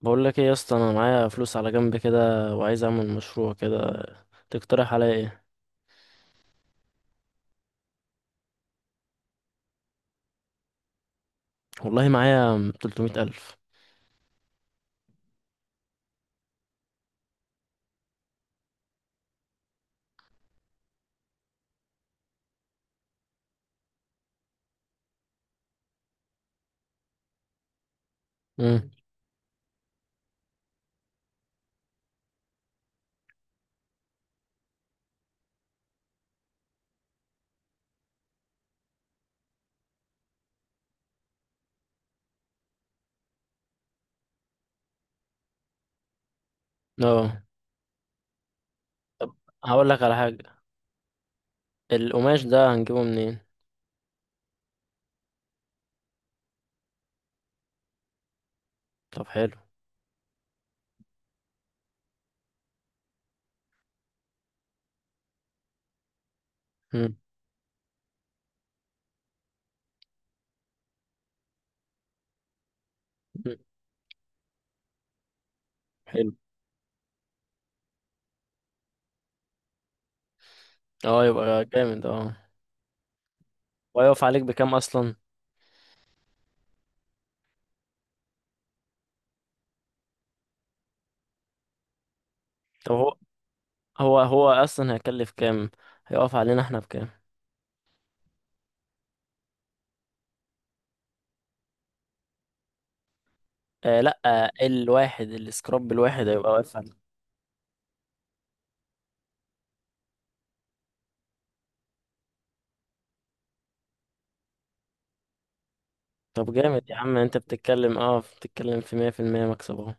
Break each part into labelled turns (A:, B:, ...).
A: بقول لك ايه يا اسطى؟ انا معايا فلوس على جنب كده، وعايز اعمل مشروع كده. تقترح عليا ايه؟ والله معايا 300 الف. امم. اه، طب هقول لك على حاجه. القماش ده هنجيبه منين؟ طب حلو. امم. حلو. اه يبقى جامد اه. وهيقف عليك بكام اصلا؟ طب هو هو اصلا هيكلف كام؟ هيقف علينا احنا بكام؟ آه لا آه، الواحد، السكراب الواحد هيبقى واقف علينا. طب جامد يا عم، انت بتتكلم اه بتتكلم في 100%. مكسب اهو.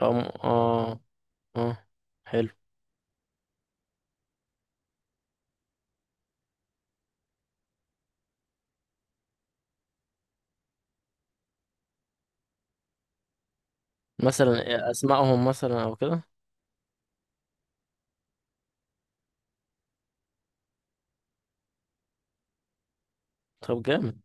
A: اه اه حلو. مثلا اسمائهم مثلا او كده. طب جامد.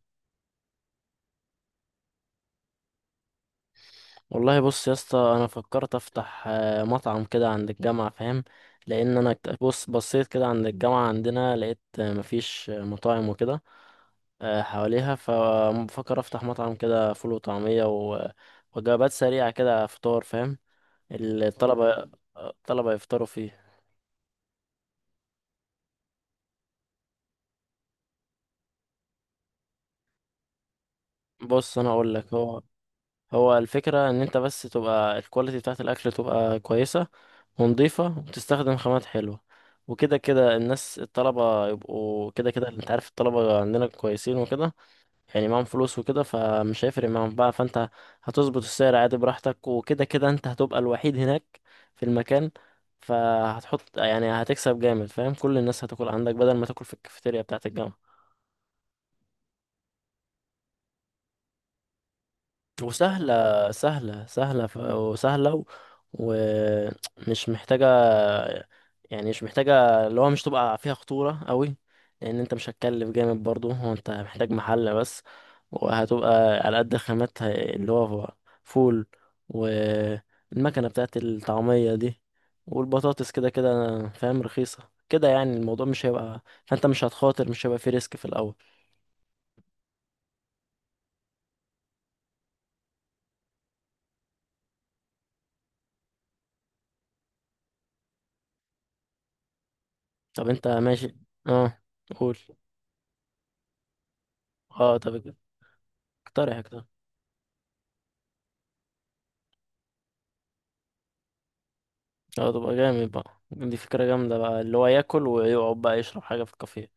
A: والله بص يا اسطى، انا فكرت افتح مطعم كده عند الجامعه، فاهم؟ لان انا بص، بصيت كده عند الجامعه عندنا لقيت مفيش مطاعم وكده حواليها. فبفكر افتح مطعم كده، فول وطعميه وجبات سريعه كده، فطار، فاهم؟ الطلبه، الطلبه يفطروا فيه. بص انا اقول لك، هو الفكرة ان انت بس تبقى الكواليتي بتاعت الاكل تبقى كويسة ونضيفة، وتستخدم خامات حلوة. وكده كده الناس، الطلبة، يبقوا كده كده انت عارف الطلبة عندنا كويسين وكده، يعني معاهم فلوس وكده، فمش هيفرق معاهم بقى. فانت هتظبط السعر عادي براحتك، وكده كده انت هتبقى الوحيد هناك في المكان. فهتحط، يعني هتكسب جامد، فاهم؟ كل الناس هتاكل عندك بدل ما تاكل في الكافيتيريا بتاعت الجامعة. وسهلة سهلة وسهلة، و- ومش محتاجة، يعني مش محتاجة اللي هو مش تبقى فيها خطورة قوي. لأن أنت مش هتكلف جامد برضو، هو أنت محتاج محل بس، وهتبقى على قد خامات اللي هو فول، والمكنة بتاعت الطعمية دي، والبطاطس. كده كده فاهم رخيصة كده، يعني الموضوع مش هيبقى، فأنت مش هتخاطر، مش هيبقى فيه ريسك في الأول. طب أنت ماشي. اه قول. اه طب، اقترح اقترح. اه تبقى جامد بقى، دي فكرة جامدة بقى، اللي هو ياكل ويقعد بقى يشرب حاجة في الكافيه.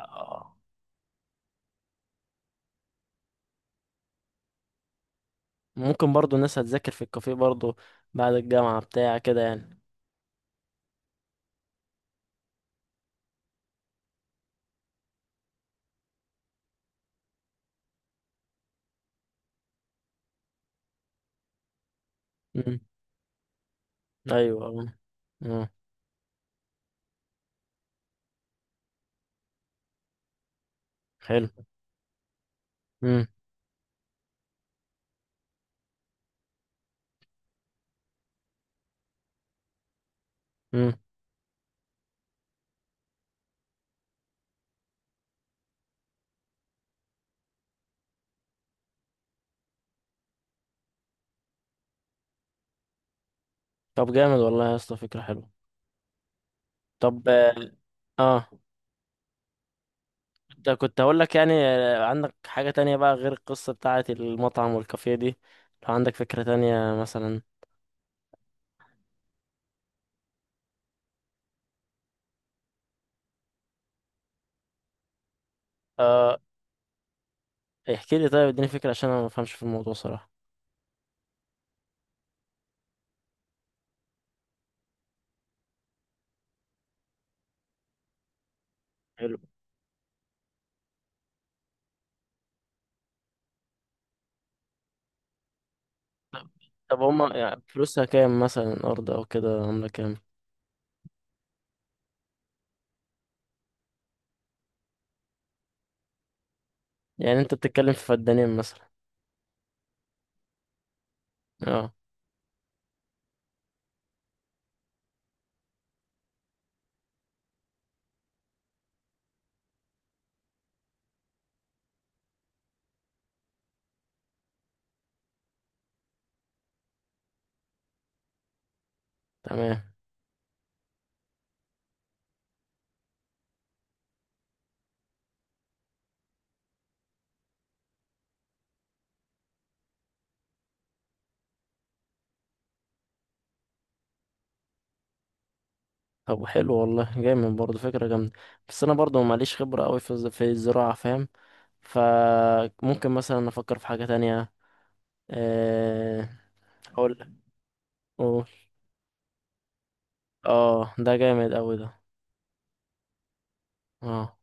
A: اه. ممكن برضو الناس هتذاكر في الكافيه برضو بعد الجامعة بتاع كده يعني. مم. ايوه اه. آه. حلو. مم. مم. طب جامد والله يا اسطى، فكرة حلوة. طب اه. آه. انت كنت هقول لك، يعني عندك حاجة تانية بقى غير القصة بتاعة المطعم والكافيه دي؟ لو عندك فكرة تانية مثلا آه احكي لي طيب، اديني فكرة، عشان انا ما بفهمش في الموضوع صراحة. حلو. طب هما يعني فلوسها كام مثلا الأرض أو كده، عاملة كام؟ يعني أنت بتتكلم في فدانين مثلا. اه. تمام. طب حلو والله، جامد برضه، فكرة جامدة. بس أنا برضه ماليش خبرة أوي في في الزراعة، فاهم؟ فممكن مثلا أفكر في حاجة تانية آه، أقول أقول. اه ده جامد أوي ده. اه.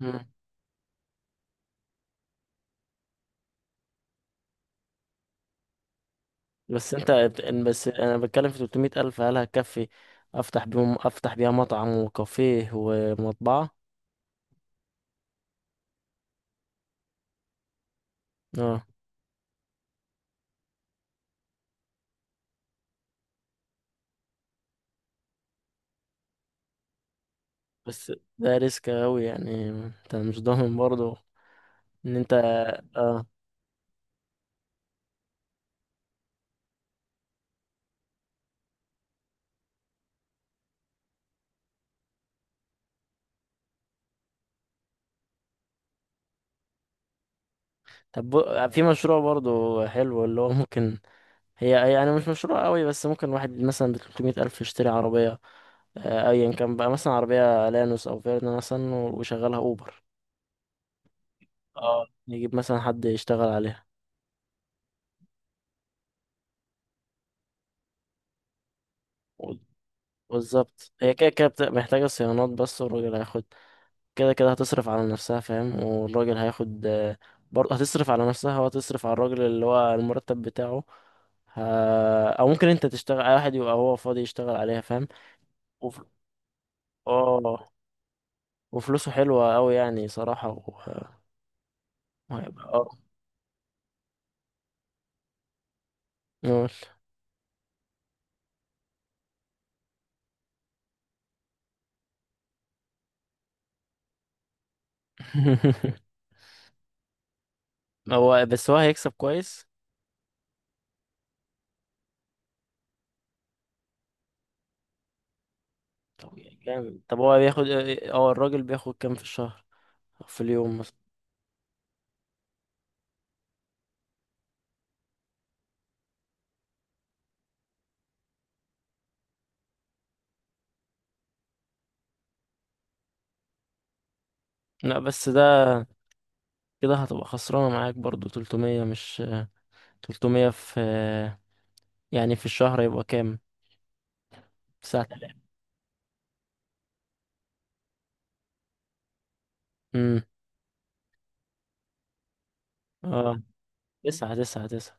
A: مم. بس أنت. بس أنا بتكلم في 300 ألف، هل هتكفي أفتح بيهم، أفتح بيها مطعم وكافيه ومطبعة؟ اه بس ده ريسك أوي يعني، انت مش ضامن برضو ان انت. اه طب، في مشروع برضو حلو اللي هو ممكن، هي يعني مش مشروع قوي، بس ممكن واحد مثلا ب 300 ألف يشتري عربية أيا كان بقى، مثلا عربية لانوس أو فيرنا مثلا، ويشغلها أوبر. اه يجيب مثلا حد يشتغل عليها. بالظبط، هي كده كده محتاجة صيانات بس، والراجل هياخد. كده كده هتصرف على نفسها، فاهم، والراجل هياخد برضه هتصرف على نفسها وهتصرف على الراجل اللي هو المرتب بتاعه. او ممكن انت تشتغل، اي واحد يبقى هو فاضي يشتغل عليها، فاهم. وف... اه وفلوسه حلوة اوي يعني صراحة. وهيبقى اه نقول هو بس هو هيكسب كويس. طب يعني جامد. طب هو بياخد اه، الراجل بياخد كام في الشهر أو في اليوم مثلا؟ لا بس ده كده هتبقى خسرانة معاك برضو. 300 مش 300 في، يعني في الشهر يبقى كام؟ 9,000. امم. اه تسعة تسعة تسعة.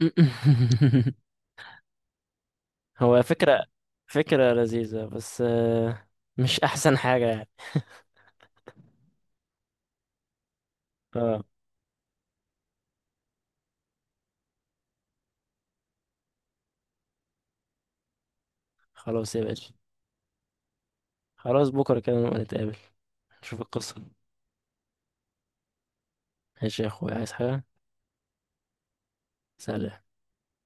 A: هو فكرة، فكرة لذيذة، بس مش أحسن حاجة يعني. اه خلاص يا باشا. خلاص، بكرة كده نبقى نتقابل نشوف القصة. ماشي يا أخويا، عايز حاجة؟ سلام.